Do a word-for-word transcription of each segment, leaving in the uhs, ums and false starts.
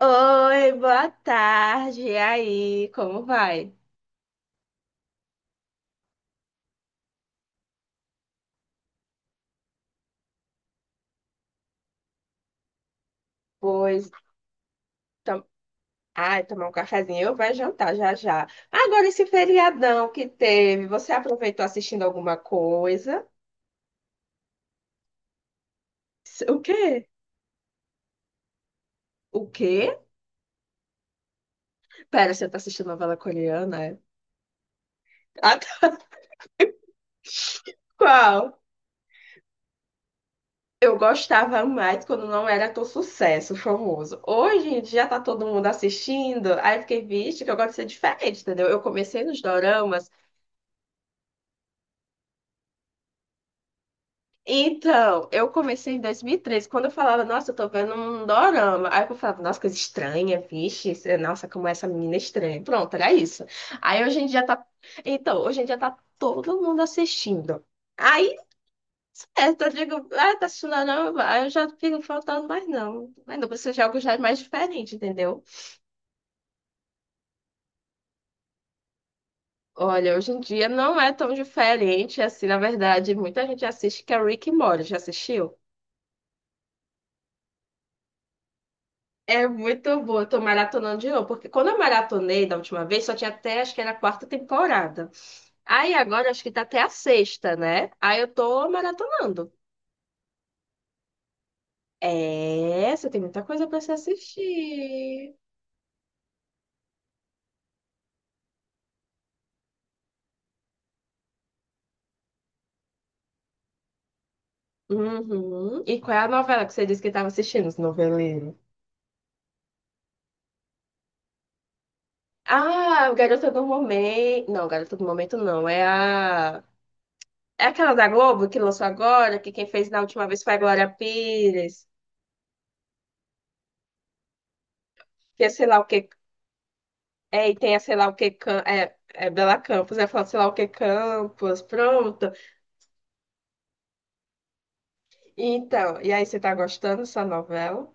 Oi, boa tarde. E aí, como vai? Pois, tom... ai, tomar um cafezinho, eu vai jantar já já. Agora esse feriadão que teve, você aproveitou assistindo alguma coisa? O quê? O quê? Pera, você tá assistindo novela coreana? É? Ah, tá. Qual? Eu gostava mais quando não era tão sucesso, famoso. Hoje em dia tá todo mundo assistindo, aí eu fiquei, vixe, que eu gosto de ser diferente, entendeu? Eu comecei nos doramas. Então, eu comecei em dois mil e treze, quando eu falava, nossa, eu tô vendo um dorama. Aí eu falava, nossa, coisa estranha, vixe, isso- é, nossa, como essa menina é estranha. Pronto, era isso. Aí hoje em dia tá. Então, hoje em dia tá todo mundo assistindo. Aí, certo, eu digo, ah, tá assistindo não, aí eu já fico faltando, mas não. Mas não, precisa você algo já é mais diferente, entendeu? Olha, hoje em dia não é tão diferente assim, na verdade, muita gente assiste que é Rick and Morty, já assistiu? É muito boa, eu tô maratonando de novo, porque quando eu maratonei da última vez, só tinha até, acho que era a quarta temporada. Aí agora acho que tá até a sexta, né? Aí eu tô maratonando. É, você tem muita coisa pra se assistir. Uhum. E qual é a novela que você disse que estava assistindo, esse noveleiro? Ah, o Garota do Momento. Não, Garota do Momento não, é a. É aquela da Globo que lançou agora, que quem fez na última vez foi a Glória Pires, que é sei lá o que. É, e tem a sei lá o que Cam- é, é Bela Campos, é falar sei lá o que Campos, pronto. Então, e aí você tá gostando dessa novela?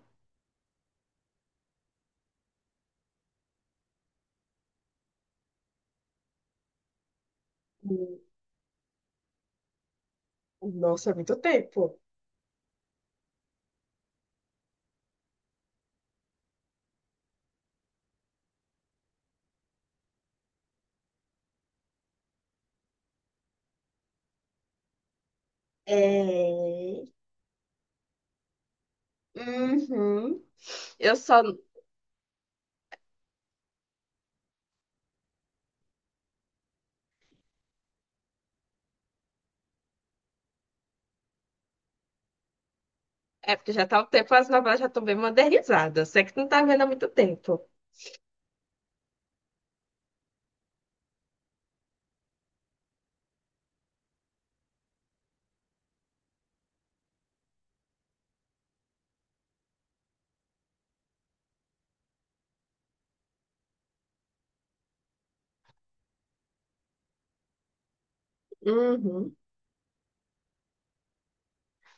Hum, Nossa, é muito tempo. É. Uhum. Eu só. É porque já tá um tempo, as novelas já estão bem modernizadas. Você que não tá vendo há muito tempo. Uhum.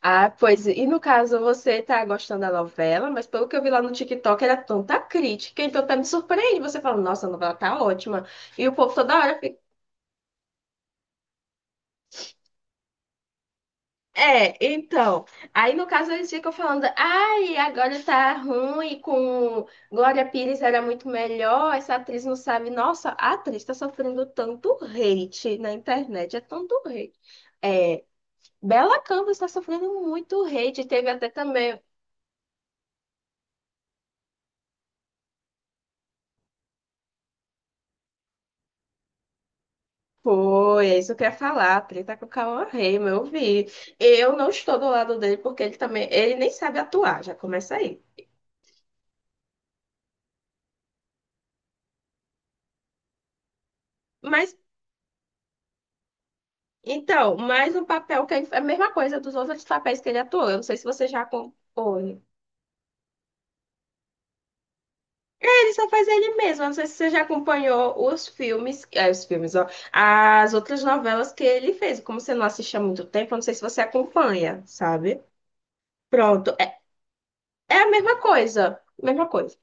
Ah, pois, e no caso, você tá gostando da novela, mas pelo que eu vi lá no TikTok, era tanta crítica, então tá me surpreendendo. Você fala, nossa, a novela tá ótima. E o povo toda hora. É, então, aí no caso eles ficam falando, ai, agora tá ruim, com Glória Pires era muito melhor, essa atriz não sabe, nossa, a atriz tá sofrendo tanto hate na internet, é tanto hate. É, Bela Canvas tá sofrendo muito hate, teve até também, foi, é isso que eu ia falar, a treta com o Cauã Raymond, eu vi. Eu não estou do lado dele, porque ele também, ele nem sabe atuar, já começa aí. Mas então, mais um papel que é a mesma coisa dos outros papéis que ele atuou. Eu não sei se você já acompanhou. É, ele só faz ele mesmo. Eu não sei se você já acompanhou os filmes, eh, os filmes, ó, as outras novelas que ele fez. Como você não assiste há muito tempo, eu não sei se você acompanha, sabe? Pronto. É, é a mesma coisa. Mesma coisa.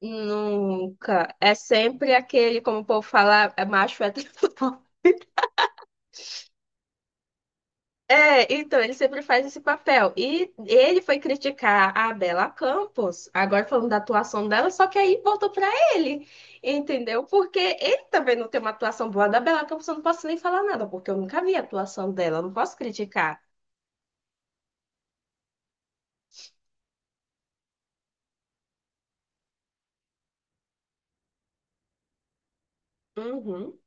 Nunca. É sempre aquele, como o povo fala, é macho hétero. É, então, ele sempre faz esse papel. E ele foi criticar a Bela Campos, agora falando da atuação dela, só que aí voltou pra ele, entendeu? Porque ele também não tem uma atuação boa da Bela Campos, eu não posso nem falar nada, porque eu nunca vi a atuação dela, eu não posso criticar. Uhum,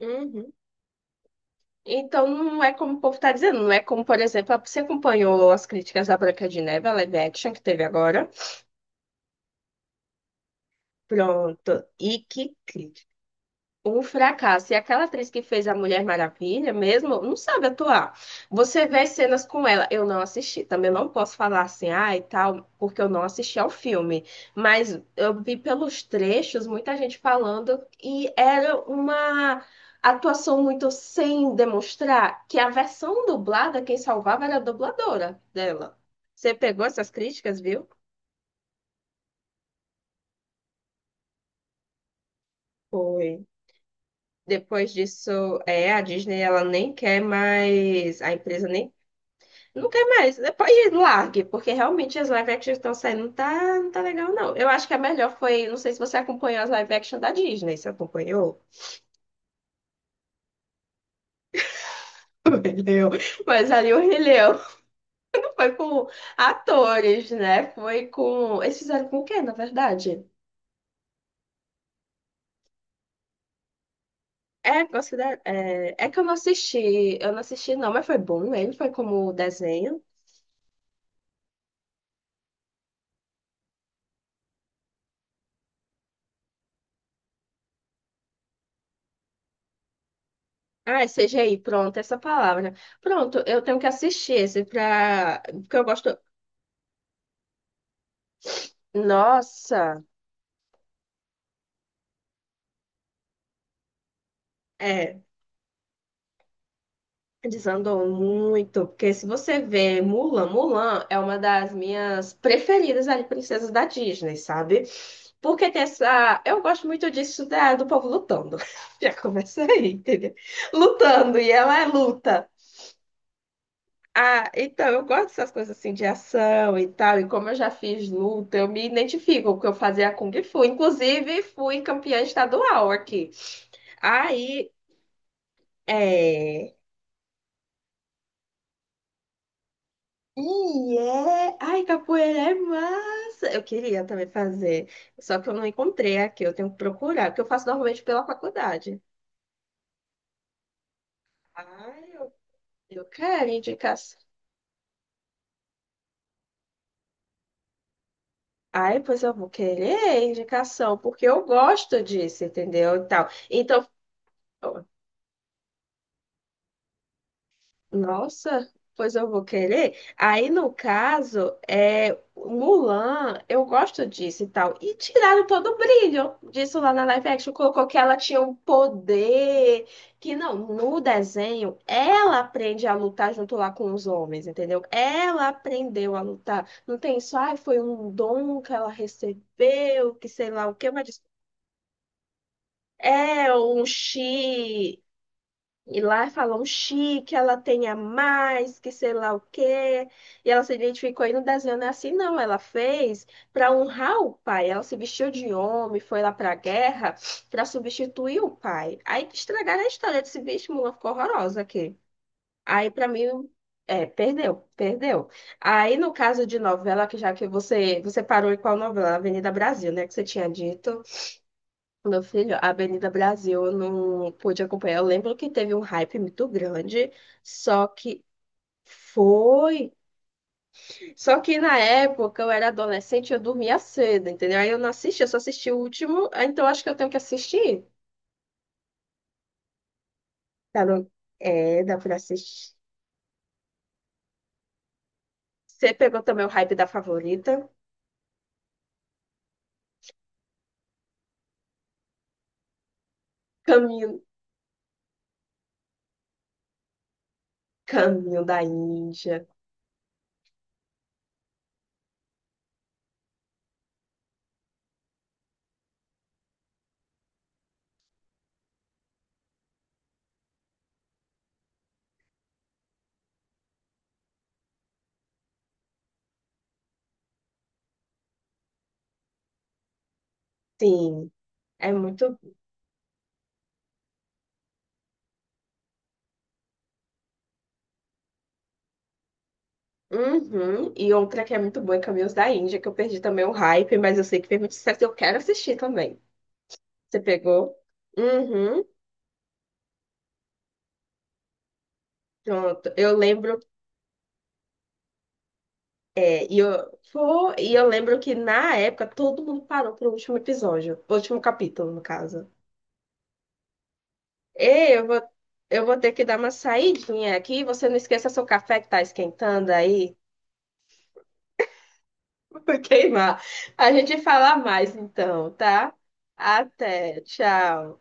uhum. Então, não é como o povo tá dizendo, não é como, por exemplo, você acompanhou as críticas da Branca de Neve, a live action que teve agora? Pronto. E que crítica. Um fracasso. E aquela atriz que fez a Mulher Maravilha mesmo não sabe atuar. Você vê as cenas com ela. Eu não assisti. Também não posso falar assim, ah, e tal, porque eu não assisti ao filme. Mas eu vi pelos trechos muita gente falando e era uma atuação muito sem demonstrar que a versão dublada, quem salvava era a dubladora dela. Você pegou essas críticas, viu? Foi. Depois disso, é, a Disney ela nem quer mais, a empresa nem. Não quer mais. Depois largue, porque realmente as live action que estão saindo não tá, não tá legal, não. Eu acho que a melhor foi. Não sei se você acompanhou as live action da Disney, você acompanhou? O Rei Leão. Mas ali o Rei Leão não foi com atores, né? Foi com. Eles fizeram com o quê, na verdade? É, considera... é, é que eu não assisti. Eu não assisti, não, mas foi bom. Né? Ele foi como desenho. Ah, é C G I, pronto, essa palavra. Pronto, eu tenho que assistir esse pra. Porque eu gosto. Nossa! É, desandou muito, porque se você vê Mulan, Mulan é uma das minhas preferidas ali, princesas da Disney, sabe? Porque tem essa. Eu gosto muito disso da, do povo lutando. Já começa aí, entendeu? Lutando, e ela é luta. Ah, então eu gosto dessas coisas assim de ação e tal, e como eu já fiz luta, eu me identifico, porque eu fazia Kung Fu. Inclusive, fui campeã estadual aqui. Aí. É... E é. Ai, capoeira é massa! Eu queria também fazer, só que eu não encontrei aqui, eu tenho que procurar, porque eu faço normalmente pela faculdade. Ai, eu, eu quero indicação. Ai, pois eu vou querer indicação, porque eu gosto disso, entendeu? E tal. Então. Nossa, pois eu vou querer. Aí, no caso, é, Mulan, eu gosto disso e tal. E tiraram todo o brilho disso lá na live action. Colocou que ela tinha um poder. Que não, no desenho, ela aprende a lutar junto lá com os homens, entendeu? Ela aprendeu a lutar. Não tem só, ai, foi um dom que ela recebeu, que sei lá o quê, mas. É um chi, e lá falam chique, que ela tem a mais, que sei lá o quê. E ela se identificou e no desenho não é assim, não. Ela fez para honrar o pai. Ela se vestiu de homem, foi lá para a guerra para substituir o pai. Aí estragaram a história desse bicho, Mulan ficou horrorosa aqui. Aí para mim, é, perdeu, perdeu. Aí no caso de novela, que já que você, você parou em qual novela? Avenida Brasil, né? Que você tinha dito. Meu filho, a Avenida Brasil, eu não pude acompanhar. Eu lembro que teve um hype muito grande, só que foi. Só que na época eu era adolescente, eu dormia cedo, entendeu? Aí eu não assisti, eu só assisti o último, ah, então acho que eu tenho que assistir. Tá no... É, dá pra assistir. Você pegou também o hype da favorita? Caminho, Caminho da Índia. Sim. É muito. Uhum. E outra que é muito boa é Caminhos da Índia, que eu perdi também o hype, mas eu sei que fez muito sucesso e eu quero assistir também. Você pegou? Uhum. Pronto. Eu lembro. É, e eu, foi, e eu lembro que na época todo mundo parou pro último episódio. Último capítulo, no caso. Ei, eu vou, eu vou ter que dar uma saidinha aqui. Você não esqueça seu café que tá esquentando aí. Vai queimar. A gente fala mais então, tá? Até. Tchau.